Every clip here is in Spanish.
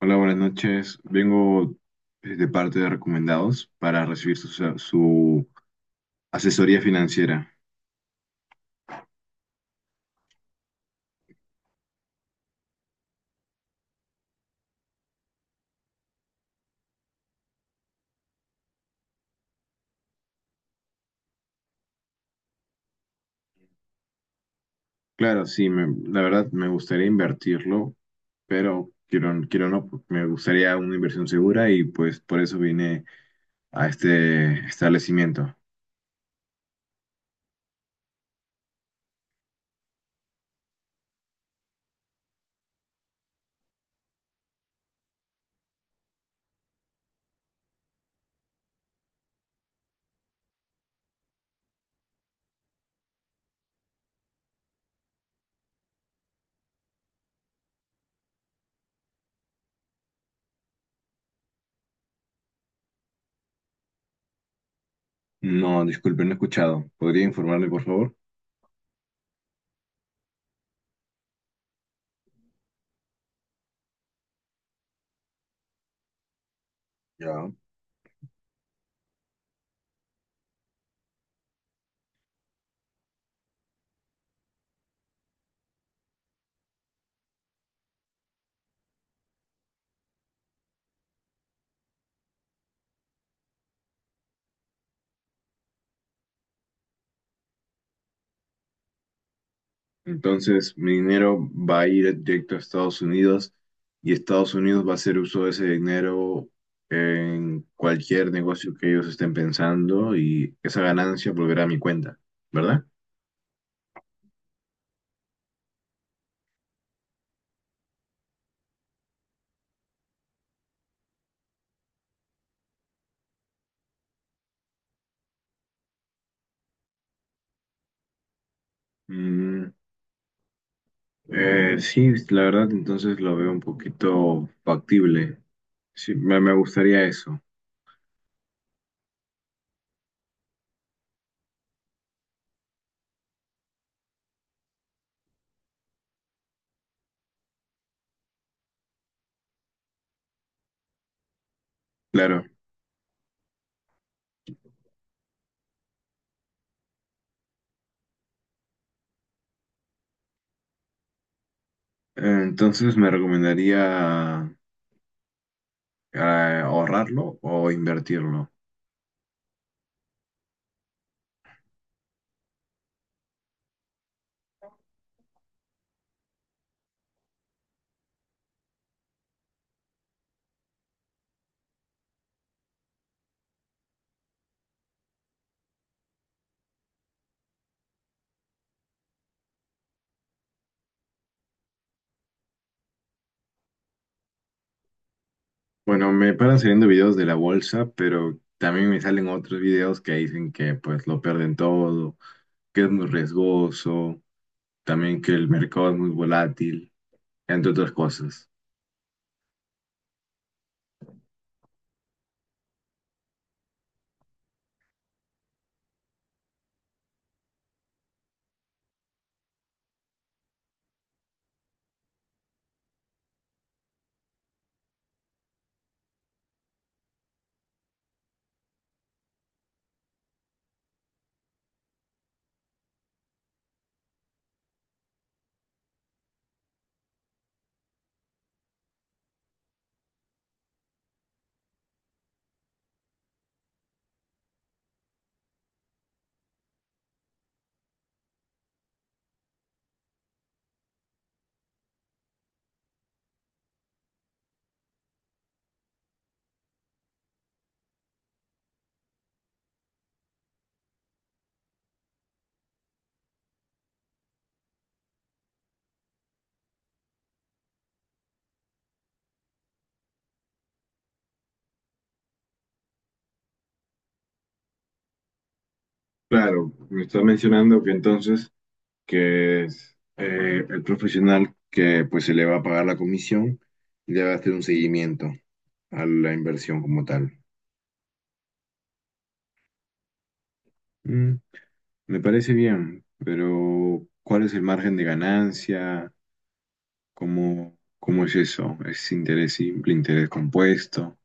Hola, buenas noches. Vengo de parte de Recomendados para recibir su asesoría financiera. Claro, sí, la verdad me gustaría invertirlo, pero quiero, quiero no, me gustaría una inversión segura y pues por eso vine a este establecimiento. No, disculpe, no he escuchado. ¿Podría informarme, por favor? Ya. Entonces, mi dinero va a ir directo a Estados Unidos y Estados Unidos va a hacer uso de ese dinero en cualquier negocio que ellos estén pensando y esa ganancia volverá a mi cuenta, ¿verdad? Mm, sí, la verdad, entonces lo veo un poquito factible. Sí, me gustaría eso, claro. Entonces me recomendaría eh, ahorrarlo o invertirlo. Bueno, me paran saliendo videos de la bolsa, pero también me salen otros videos que dicen que pues lo pierden todo, que es muy riesgoso, también que el mercado es muy volátil, entre otras cosas. Claro, me está mencionando que entonces que es el profesional que pues se le va a pagar la comisión y le va a hacer un seguimiento a la inversión como tal. Mm, Me parece bien, pero ¿cuál es el margen de ganancia? ¿Cómo es eso? ¿Es interés simple, interés compuesto?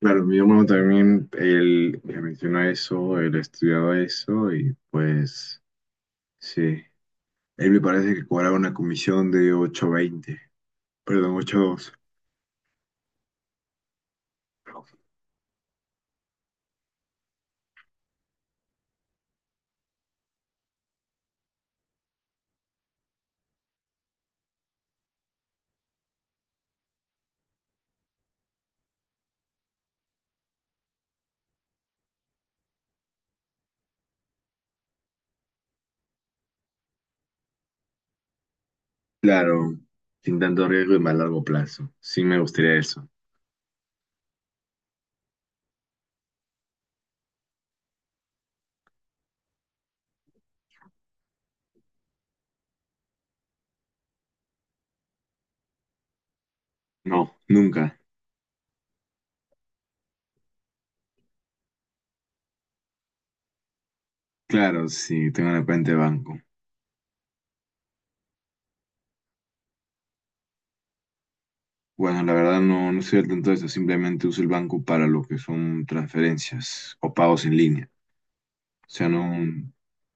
Claro, mi hermano también, él me mencionó eso, él estudiaba eso y pues sí, él me parece que cobraba una comisión de ocho veinte, perdón, ocho dos. Claro, sin tanto riesgo y más largo plazo. Sí me gustaría eso. No, nunca. Claro, sí, tengo una cuenta de banco. Bueno, la verdad no, no estoy al tanto de eso. Simplemente uso el banco para lo que son transferencias o pagos en línea. O sea, no.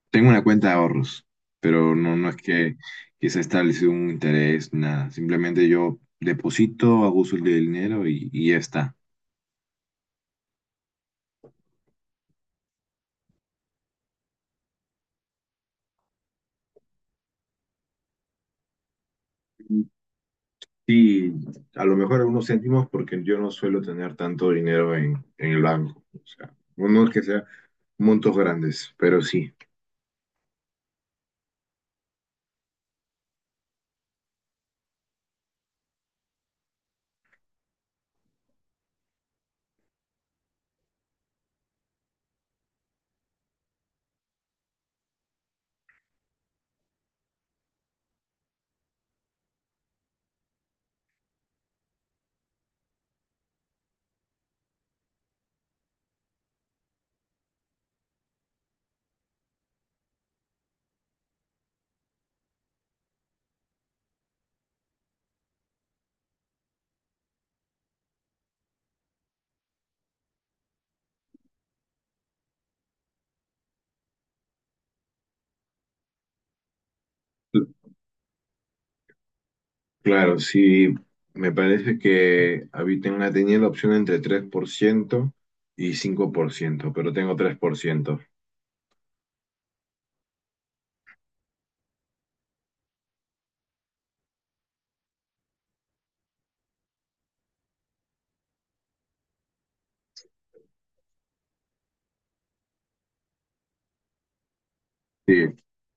Tengo una cuenta de ahorros, pero no, no es que se ha establecido un interés, nada. Simplemente yo deposito, hago uso del dinero y ya está. Sí, a lo mejor unos céntimos porque yo no suelo tener tanto dinero en el banco. O sea, no, no es que sea montos grandes, pero sí. Cl- Claro, sí, me parece que Habitat tenía la opción entre 3% y 5%, pero tengo 3%. Sí,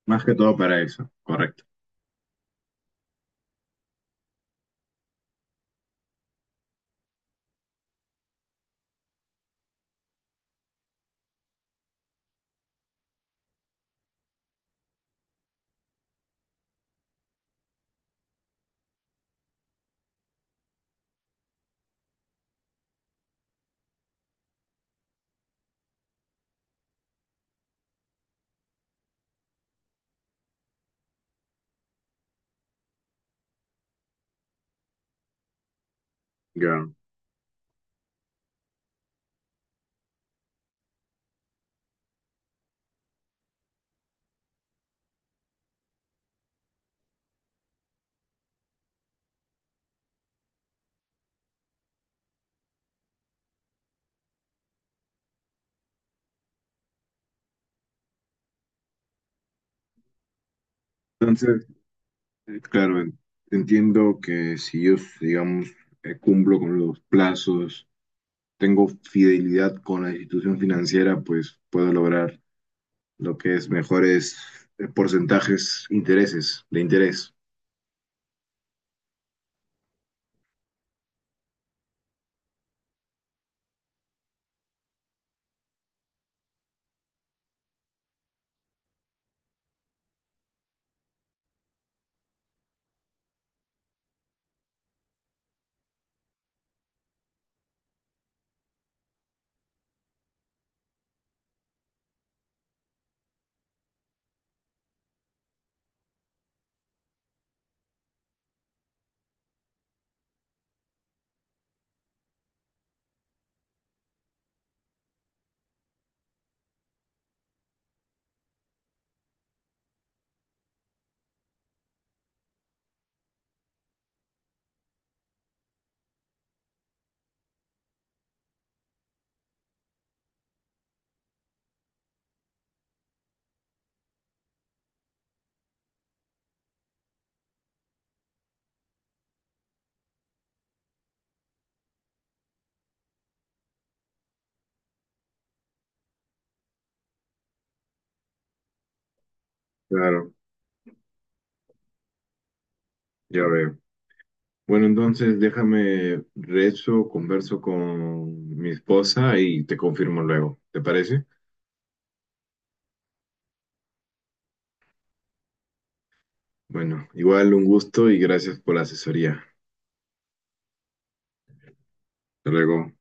más que todo para eso, correcto. Ya. Entonces, claro, entiendo que si yo, digamos, cumplo con los plazos tengo fidelidad con la institución financiera, pues puedo lograr lo que es mejores porcentajes, intereses, de interés. Claro, ya veo. Bueno, entonces déjame rezo, converso con mi esposa y te confirmo luego. ¿Te parece? Bueno, igual un gusto y gracias por la asesoría. Hasta luego.